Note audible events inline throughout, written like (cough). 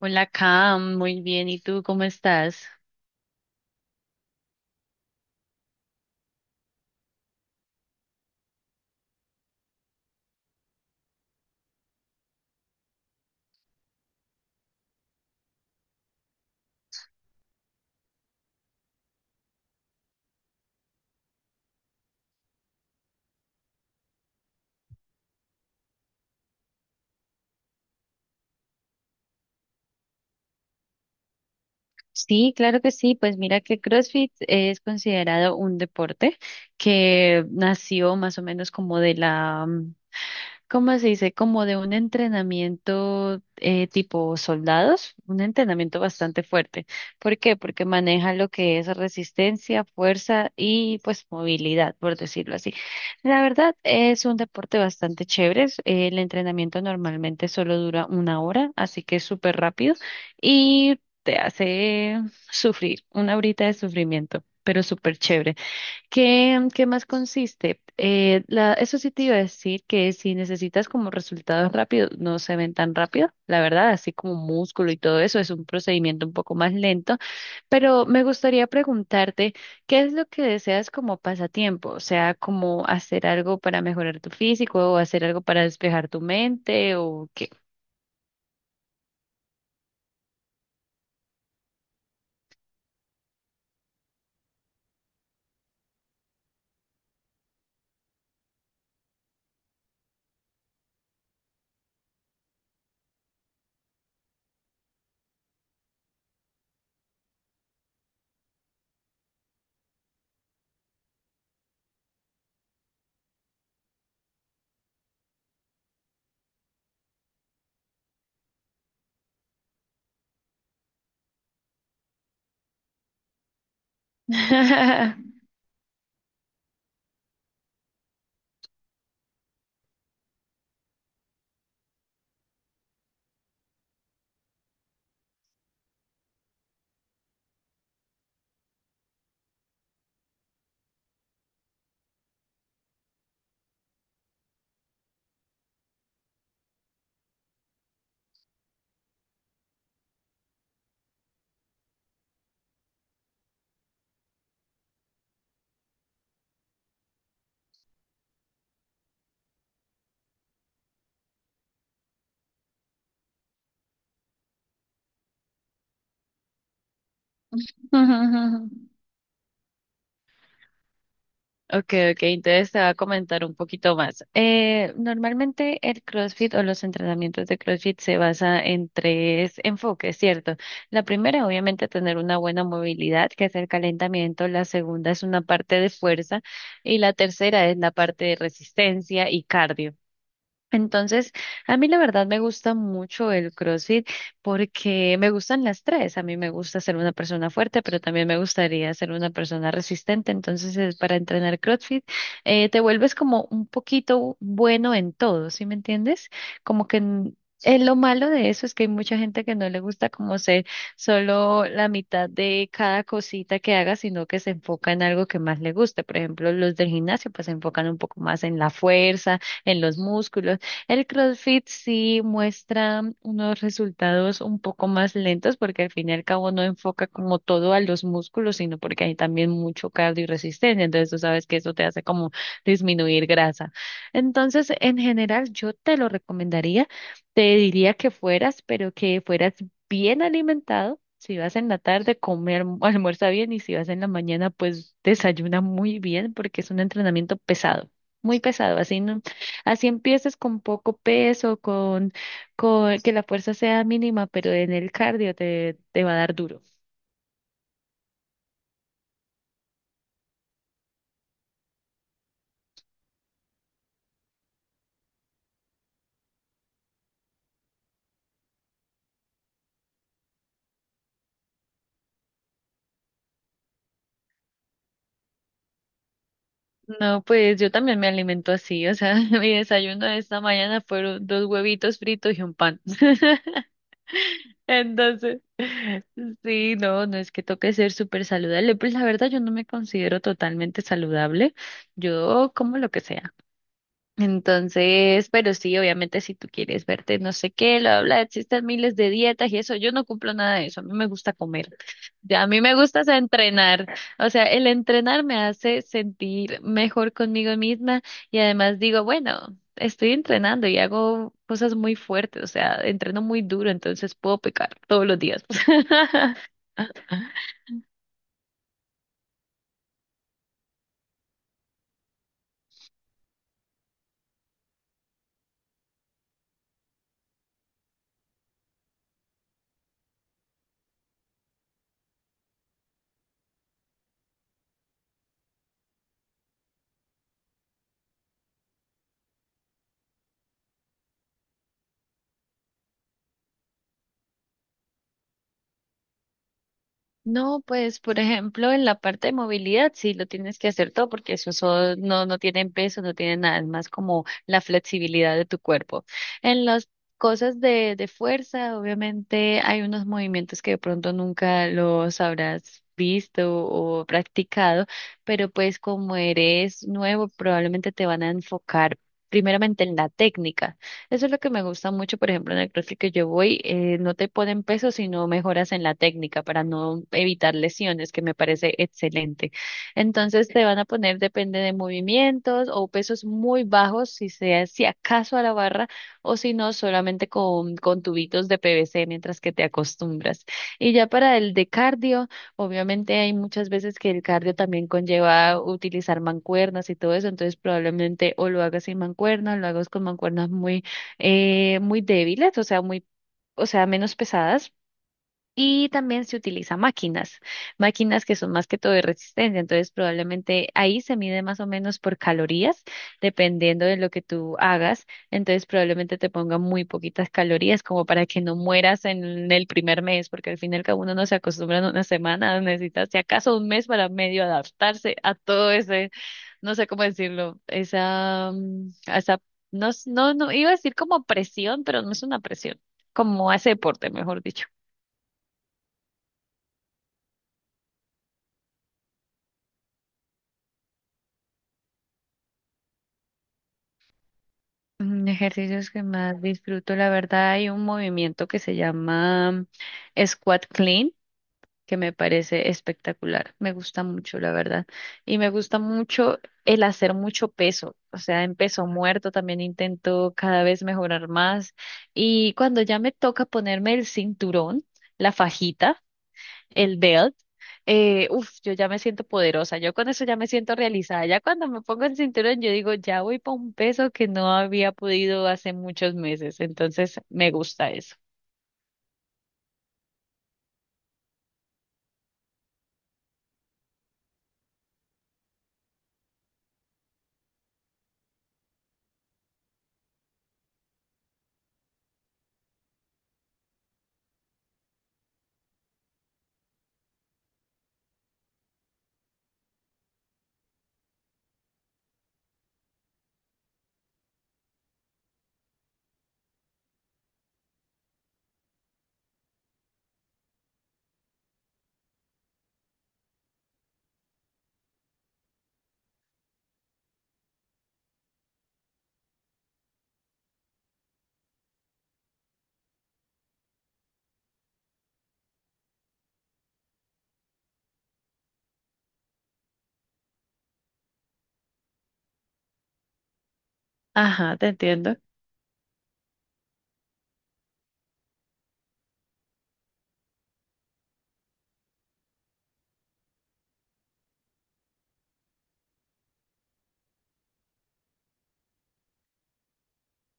Hola, Cam, muy bien. ¿Y tú cómo estás? Sí, claro que sí. Pues mira que CrossFit es considerado un deporte que nació más o menos como ¿cómo se dice? Como de un entrenamiento tipo soldados, un entrenamiento bastante fuerte. ¿Por qué? Porque maneja lo que es resistencia, fuerza y pues movilidad, por decirlo así. La verdad es un deporte bastante chévere. El entrenamiento normalmente solo dura una hora, así que es súper rápido y te hace sufrir, una horita de sufrimiento, pero súper chévere. ¿Qué, qué más consiste? Eso sí te iba a decir que si necesitas como resultados rápidos, no se ven tan rápido, la verdad, así como músculo y todo eso, es un procedimiento un poco más lento, pero me gustaría preguntarte, ¿qué es lo que deseas como pasatiempo? O sea, como hacer algo para mejorar tu físico o hacer algo para despejar tu mente o qué. (laughs) (laughs) Okay, okay, entonces te va a comentar un poquito más. Normalmente el CrossFit o los entrenamientos de CrossFit se basa en tres enfoques, ¿cierto? La primera, obviamente, tener una buena movilidad, que es el calentamiento. La segunda es una parte de fuerza y la tercera es la parte de resistencia y cardio. Entonces, a mí la verdad me gusta mucho el CrossFit porque me gustan las tres. A mí me gusta ser una persona fuerte, pero también me gustaría ser una persona resistente. Entonces, es para entrenar CrossFit, te vuelves como un poquito bueno en todo, ¿sí me entiendes? Como que n- lo malo de eso es que hay mucha gente que no le gusta como ser solo la mitad de cada cosita que haga, sino que se enfoca en algo que más le guste. Por ejemplo, los del gimnasio pues se enfocan un poco más en la fuerza en los músculos. El CrossFit sí muestra unos resultados un poco más lentos porque al fin y al cabo no enfoca como todo a los músculos, sino porque hay también mucho cardio y resistencia. Entonces tú sabes que eso te hace como disminuir grasa. Entonces, en general, yo te lo recomendaría, te diría que fueras, pero que fueras bien alimentado. Si vas en la tarde, come, (laughs) almuerza bien y si vas en la mañana, pues desayuna muy bien porque es un entrenamiento pesado, muy pesado, así no. Así empieces con poco peso, con que la fuerza sea mínima, pero en el cardio te va a dar duro. No, pues yo también me alimento así, o sea, (laughs) mi desayuno de esta mañana fueron dos huevitos fritos y un pan. (laughs) Entonces, sí, no, no es que toque ser súper saludable, pues la verdad yo no me considero totalmente saludable, yo como lo que sea. Entonces, pero sí, obviamente si tú quieres verte no sé qué, lo habla, existen miles de dietas y eso, yo no cumplo nada de eso, a mí me gusta comer, ya a mí me gusta es entrenar, o sea, el entrenar me hace sentir mejor conmigo misma y además digo, bueno, estoy entrenando y hago cosas muy fuertes, o sea, entreno muy duro, entonces puedo pecar todos los días. (laughs) No, pues por ejemplo en la parte de movilidad sí lo tienes que hacer todo porque no, no tienen peso, no tienen nada, es más como la flexibilidad de tu cuerpo. En las cosas de fuerza, obviamente hay unos movimientos que de pronto nunca los habrás visto o practicado, pero pues como eres nuevo probablemente te van a enfocar primeramente en la técnica. Eso es lo que me gusta mucho, por ejemplo, en el CrossFit que yo voy, no te ponen peso, sino mejoras en la técnica para no evitar lesiones, que me parece excelente. Entonces te van a poner, depende de movimientos o pesos muy bajos, si sea, si acaso a la barra, o si no, solamente con tubitos de PVC mientras que te acostumbras. Y ya para el de cardio, obviamente hay muchas veces que el cardio también conlleva utilizar mancuernas y todo eso, entonces probablemente o lo hagas sin mancuernas, lo hagas con mancuernas muy muy débiles, o sea, o sea, menos pesadas. Y también se utiliza máquinas, máquinas que son más que todo de resistencia. Entonces, probablemente ahí se mide más o menos por calorías, dependiendo de lo que tú hagas. Entonces, probablemente te ponga muy poquitas calorías, como para que no mueras en el primer mes, porque al fin y al cabo uno no se acostumbra en una semana, necesitas si acaso un mes para medio adaptarse a todo ese no sé cómo decirlo, esa, no, iba a decir como presión, pero no es una presión, como ese deporte, mejor dicho. Ejercicios que más disfruto, la verdad, hay un movimiento que se llama Squat Clean, que me parece espectacular, me gusta mucho, la verdad, y me gusta mucho el hacer mucho peso, o sea, en peso muerto también intento cada vez mejorar más, y cuando ya me toca ponerme el cinturón, la fajita, el belt, uf, yo ya me siento poderosa, yo con eso ya me siento realizada, ya cuando me pongo el cinturón yo digo, ya voy para un peso que no había podido hace muchos meses, entonces me gusta eso. Ajá, te entiendo.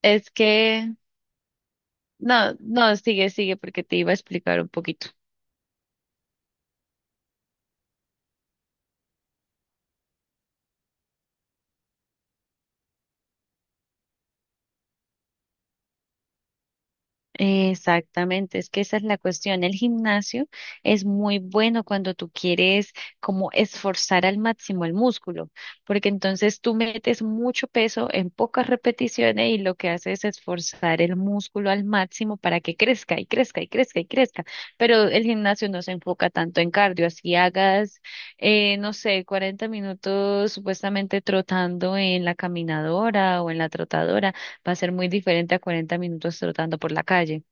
Es que, no, no, sigue, sigue, porque te iba a explicar un poquito. Exactamente, es que esa es la cuestión. El gimnasio es muy bueno cuando tú quieres como esforzar al máximo el músculo, porque entonces tú metes mucho peso en pocas repeticiones y lo que haces es esforzar el músculo al máximo para que crezca y crezca y crezca y crezca. Pero el gimnasio no se enfoca tanto en cardio, así hagas, no sé, 40 minutos supuestamente trotando en la caminadora o en la trotadora va a ser muy diferente a 40 minutos trotando por la calle.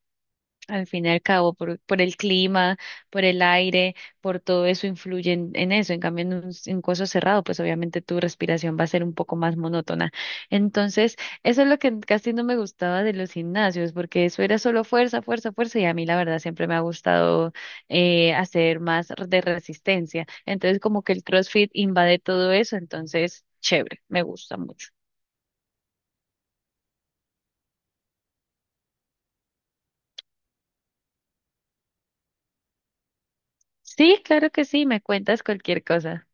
Al fin y al cabo, por el clima, por el aire, por todo eso influye en eso. En cambio, en coso cerrado, pues obviamente tu respiración va a ser un poco más monótona. Entonces, eso es lo que casi no me gustaba de los gimnasios, porque eso era solo fuerza, fuerza, fuerza, y a mí la verdad siempre me ha gustado hacer más de resistencia. Entonces, como que el CrossFit invade todo eso, entonces, chévere, me gusta mucho. Sí, claro que sí, me cuentas cualquier cosa.